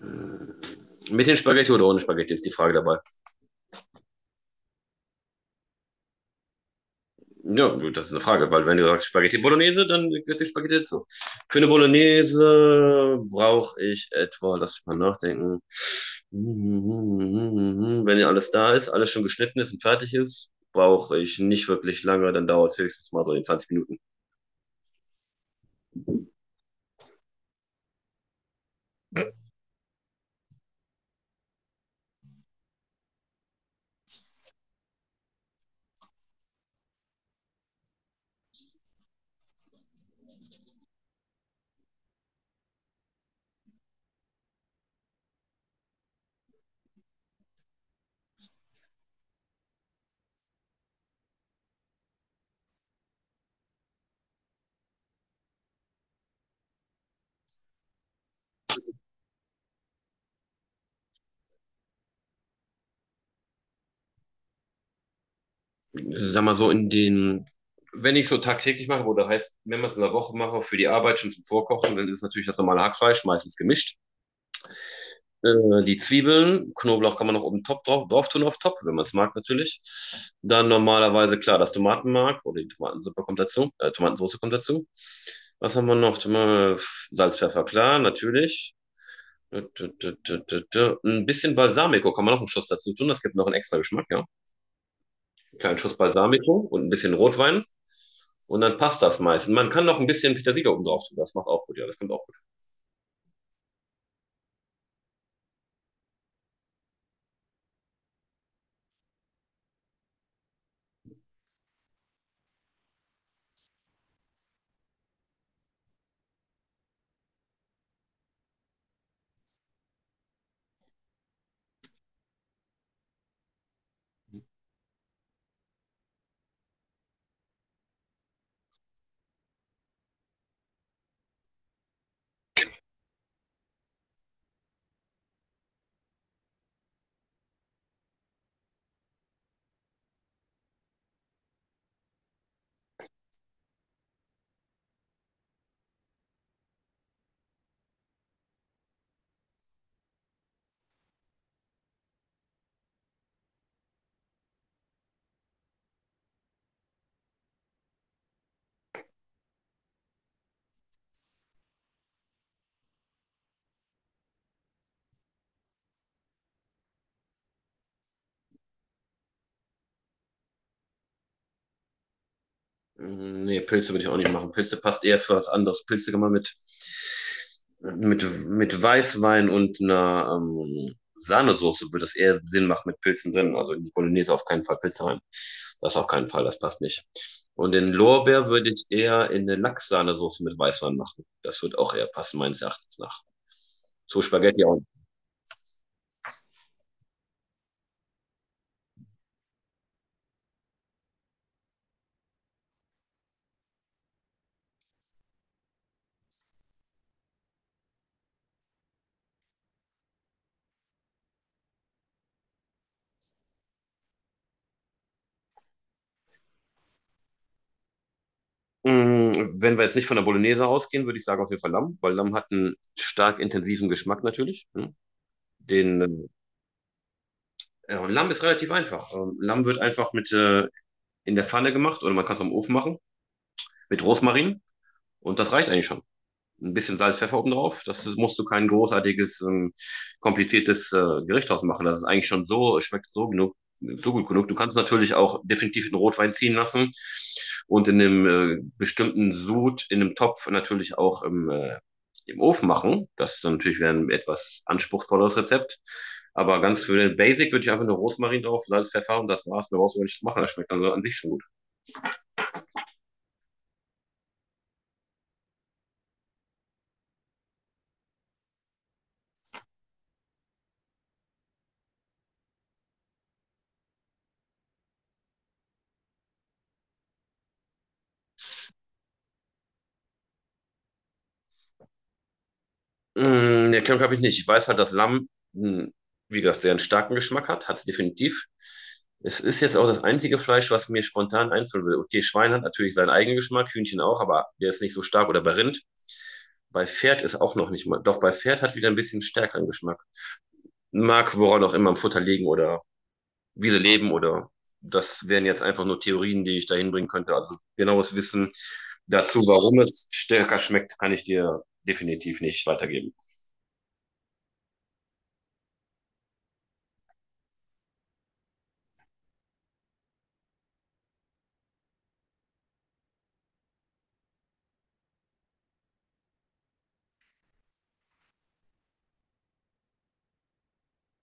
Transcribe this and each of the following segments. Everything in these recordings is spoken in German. Mit den Spaghetti oder ohne Spaghetti ist die Frage dabei. Ja, das ist eine Frage, weil wenn du sagst Spaghetti Bolognese, dann gehört die Spaghetti dazu. Für eine Bolognese brauche ich etwa, lass mich mal nachdenken, wenn ja alles da ist, alles schon geschnitten ist und fertig ist, brauche ich nicht wirklich lange, dann dauert es höchstens mal so in 20 Minuten. Sag mal so in den, wenn ich es so tagtäglich mache, oder heißt, wenn man es in der Woche mache, für die Arbeit schon zum Vorkochen, dann ist es natürlich das normale Hackfleisch, meistens gemischt. Die Zwiebeln, Knoblauch kann man noch oben top drauf, drauf tun, auf top, wenn man es mag natürlich. Dann normalerweise, klar, das Tomatenmark oder die Tomatensuppe kommt dazu, Tomatensauce kommt dazu. Was haben wir noch? Toma- Salz, Pfeffer, klar, natürlich. Ein bisschen Balsamico kann man noch einen Schuss dazu tun, das gibt noch einen extra Geschmack, ja. Einen kleinen Schuss Balsamico und ein bisschen Rotwein und dann passt das meistens. Man kann noch ein bisschen Petersilie oben drauf tun, das macht auch gut, ja, das kommt auch. Mm, nee, Pilze würde ich auch nicht machen. Pilze passt eher für was anderes. Pilze kann man mit Weißwein und einer Sahnesoße würde es eher Sinn machen mit Pilzen drin. Also in die Bolognese auf keinen Fall Pilze rein. Das auf keinen Fall, das passt nicht. Und den Lorbeer würde ich eher in eine Lachssahnesoße mit Weißwein machen. Das wird auch eher passen, meines Erachtens nach. So Spaghetti auch. Mm, wenn wir jetzt nicht von der Bolognese ausgehen, würde ich sagen auf jeden Fall Lamm, weil Lamm hat einen stark intensiven Geschmack natürlich, ne? Den, ja, und Lamm ist relativ einfach. Lamm wird einfach mit in der Pfanne gemacht oder man kann es am Ofen machen, mit Rosmarin und das reicht eigentlich schon, ein bisschen Salz, Pfeffer oben drauf. Das musst du kein großartiges, kompliziertes Gericht draus machen. Das ist eigentlich schon so, schmeckt so genug, so gut genug. Du kannst es natürlich auch definitiv in Rotwein ziehen lassen und in einem bestimmten Sud, in einem Topf natürlich auch im Ofen machen. Das ist dann natürlich wieder ein etwas anspruchsvolleres Rezept. Aber ganz für den Basic würde ich einfach nur Rosmarin drauf, Salz, Pfeffer und das war's. Mehr brauchst du gar nicht machen. Das schmeckt dann so an sich schon gut. Mm, nee, Klemmung habe ich nicht. Ich weiß halt, dass Lamm, mm, wie gesagt, sehr einen starken Geschmack hat. Hat es definitiv. Es ist jetzt auch das einzige Fleisch, was mir spontan einfallen will. Okay, Schwein hat natürlich seinen eigenen Geschmack, Hühnchen auch, aber der ist nicht so stark. Oder bei Rind. Bei Pferd ist auch noch nicht mal. Doch bei Pferd hat wieder ein bisschen stärkeren Geschmack. Mag woran auch immer im Futter liegen oder wie sie leben oder das wären jetzt einfach nur Theorien, die ich da hinbringen könnte. Also genaues Wissen dazu, warum es stärker schmeckt, kann ich dir definitiv nicht weitergeben.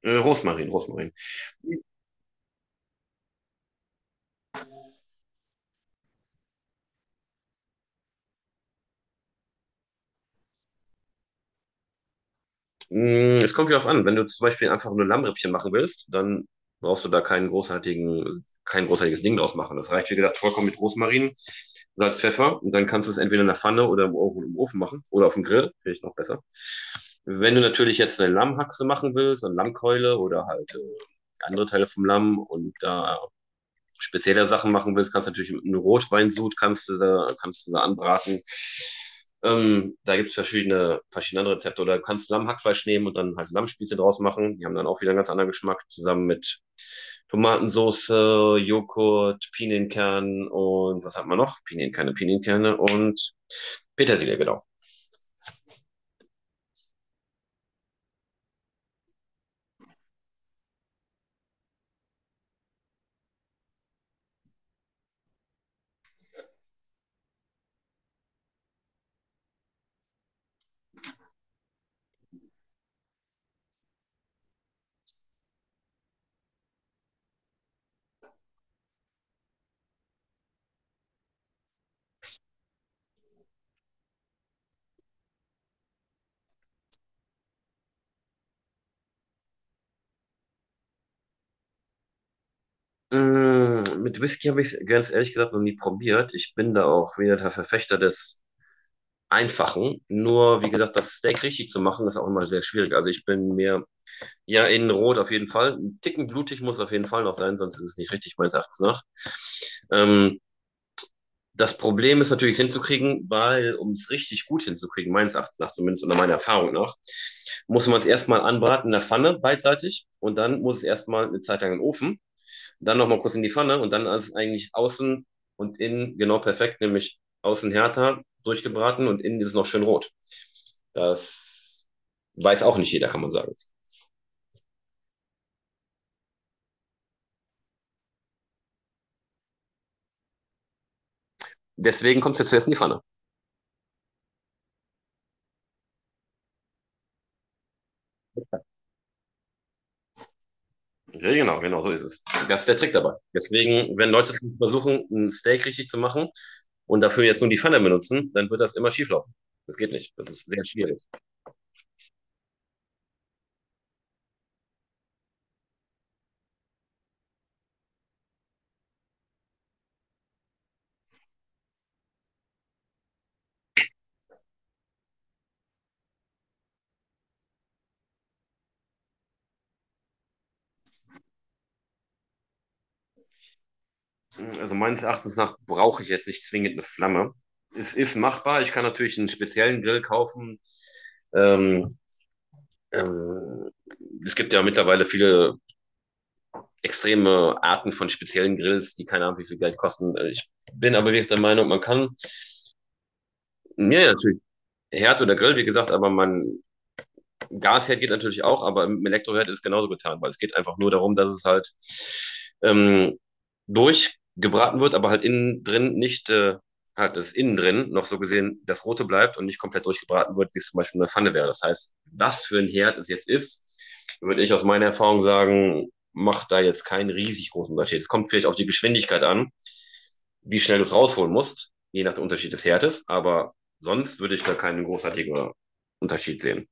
Rosmarin, Rosmarin. Mm, es kommt wieder auf an, wenn du zum Beispiel einfach nur Lammrippchen machen willst, dann brauchst du da keinen großartigen, kein großartiges Ding draus machen. Das reicht, wie gesagt, vollkommen mit Rosmarin, Salz, Pfeffer und dann kannst du es entweder in der Pfanne oder im Ofen machen oder auf dem Grill, finde ich noch besser. Wenn du natürlich jetzt eine Lammhaxe machen willst, eine Lammkeule oder halt andere Teile vom Lamm und da spezielle Sachen machen willst, kannst du natürlich einen Rotweinsud kannst du anbraten. Da gibt es verschiedene andere Rezepte. Oder du kannst Lammhackfleisch nehmen und dann halt Lammspieße draus machen. Die haben dann auch wieder einen ganz anderen Geschmack, zusammen mit Tomatensauce, Joghurt, Pinienkern und was hat man noch? Pinienkerne und Petersilie, genau. Mit Whisky habe ich es ganz ehrlich gesagt noch nie probiert. Ich bin da auch wieder der Verfechter des Einfachen. Nur, wie gesagt, das Steak richtig zu machen, ist auch immer sehr schwierig. Also ich bin mir, ja, in Rot auf jeden Fall. Ein Ticken blutig muss auf jeden Fall noch sein, sonst ist es nicht richtig, meines Erachtens nach. Ähm, Das Problem ist natürlich, es hinzukriegen, weil, um es richtig gut hinzukriegen, meines Erachtens nach zumindest oder meiner Erfahrung nach, muss man es erstmal anbraten in der Pfanne beidseitig und dann muss es erstmal eine Zeit lang in den Ofen. Dann nochmal kurz in die Pfanne und dann ist eigentlich außen und innen genau perfekt, nämlich außen härter durchgebraten und innen ist es noch schön rot. Das weiß auch nicht jeder, kann man sagen. Deswegen kommt es jetzt zuerst in die Pfanne. Ja, genau, genau, so ist es. Das ist der Trick dabei. Deswegen, wenn Leute versuchen, ein Steak richtig zu machen und dafür jetzt nur die Pfanne benutzen, dann wird das immer schieflaufen. Das geht nicht. Das ist sehr schwierig. Also meines Erachtens nach brauche ich jetzt nicht zwingend eine Flamme. Es ist machbar. Ich kann natürlich einen speziellen Grill kaufen. Ähm, ähm, Es gibt ja mittlerweile viele extreme Arten von speziellen Grills, die keine Ahnung, wie viel Geld kosten. Ich bin aber wirklich der Meinung, man kann, ja, ja, natürlich, Herd oder Grill, wie gesagt, aber man Gasherd geht natürlich auch, aber im Elektroherd ist es genauso getan, weil es geht einfach nur darum, dass es halt ähm, durchgebraten wird, aber halt innen drin nicht, halt das innen drin noch so gesehen das Rote bleibt und nicht komplett durchgebraten wird, wie es zum Beispiel in der Pfanne wäre. Das heißt, was für ein Herd es jetzt ist, würde ich aus meiner Erfahrung sagen, macht da jetzt keinen riesig großen Unterschied. Es kommt vielleicht auf die Geschwindigkeit an, wie schnell du es rausholen musst, je nach dem Unterschied des Herdes, aber sonst würde ich da keinen großartigen Unterschied sehen.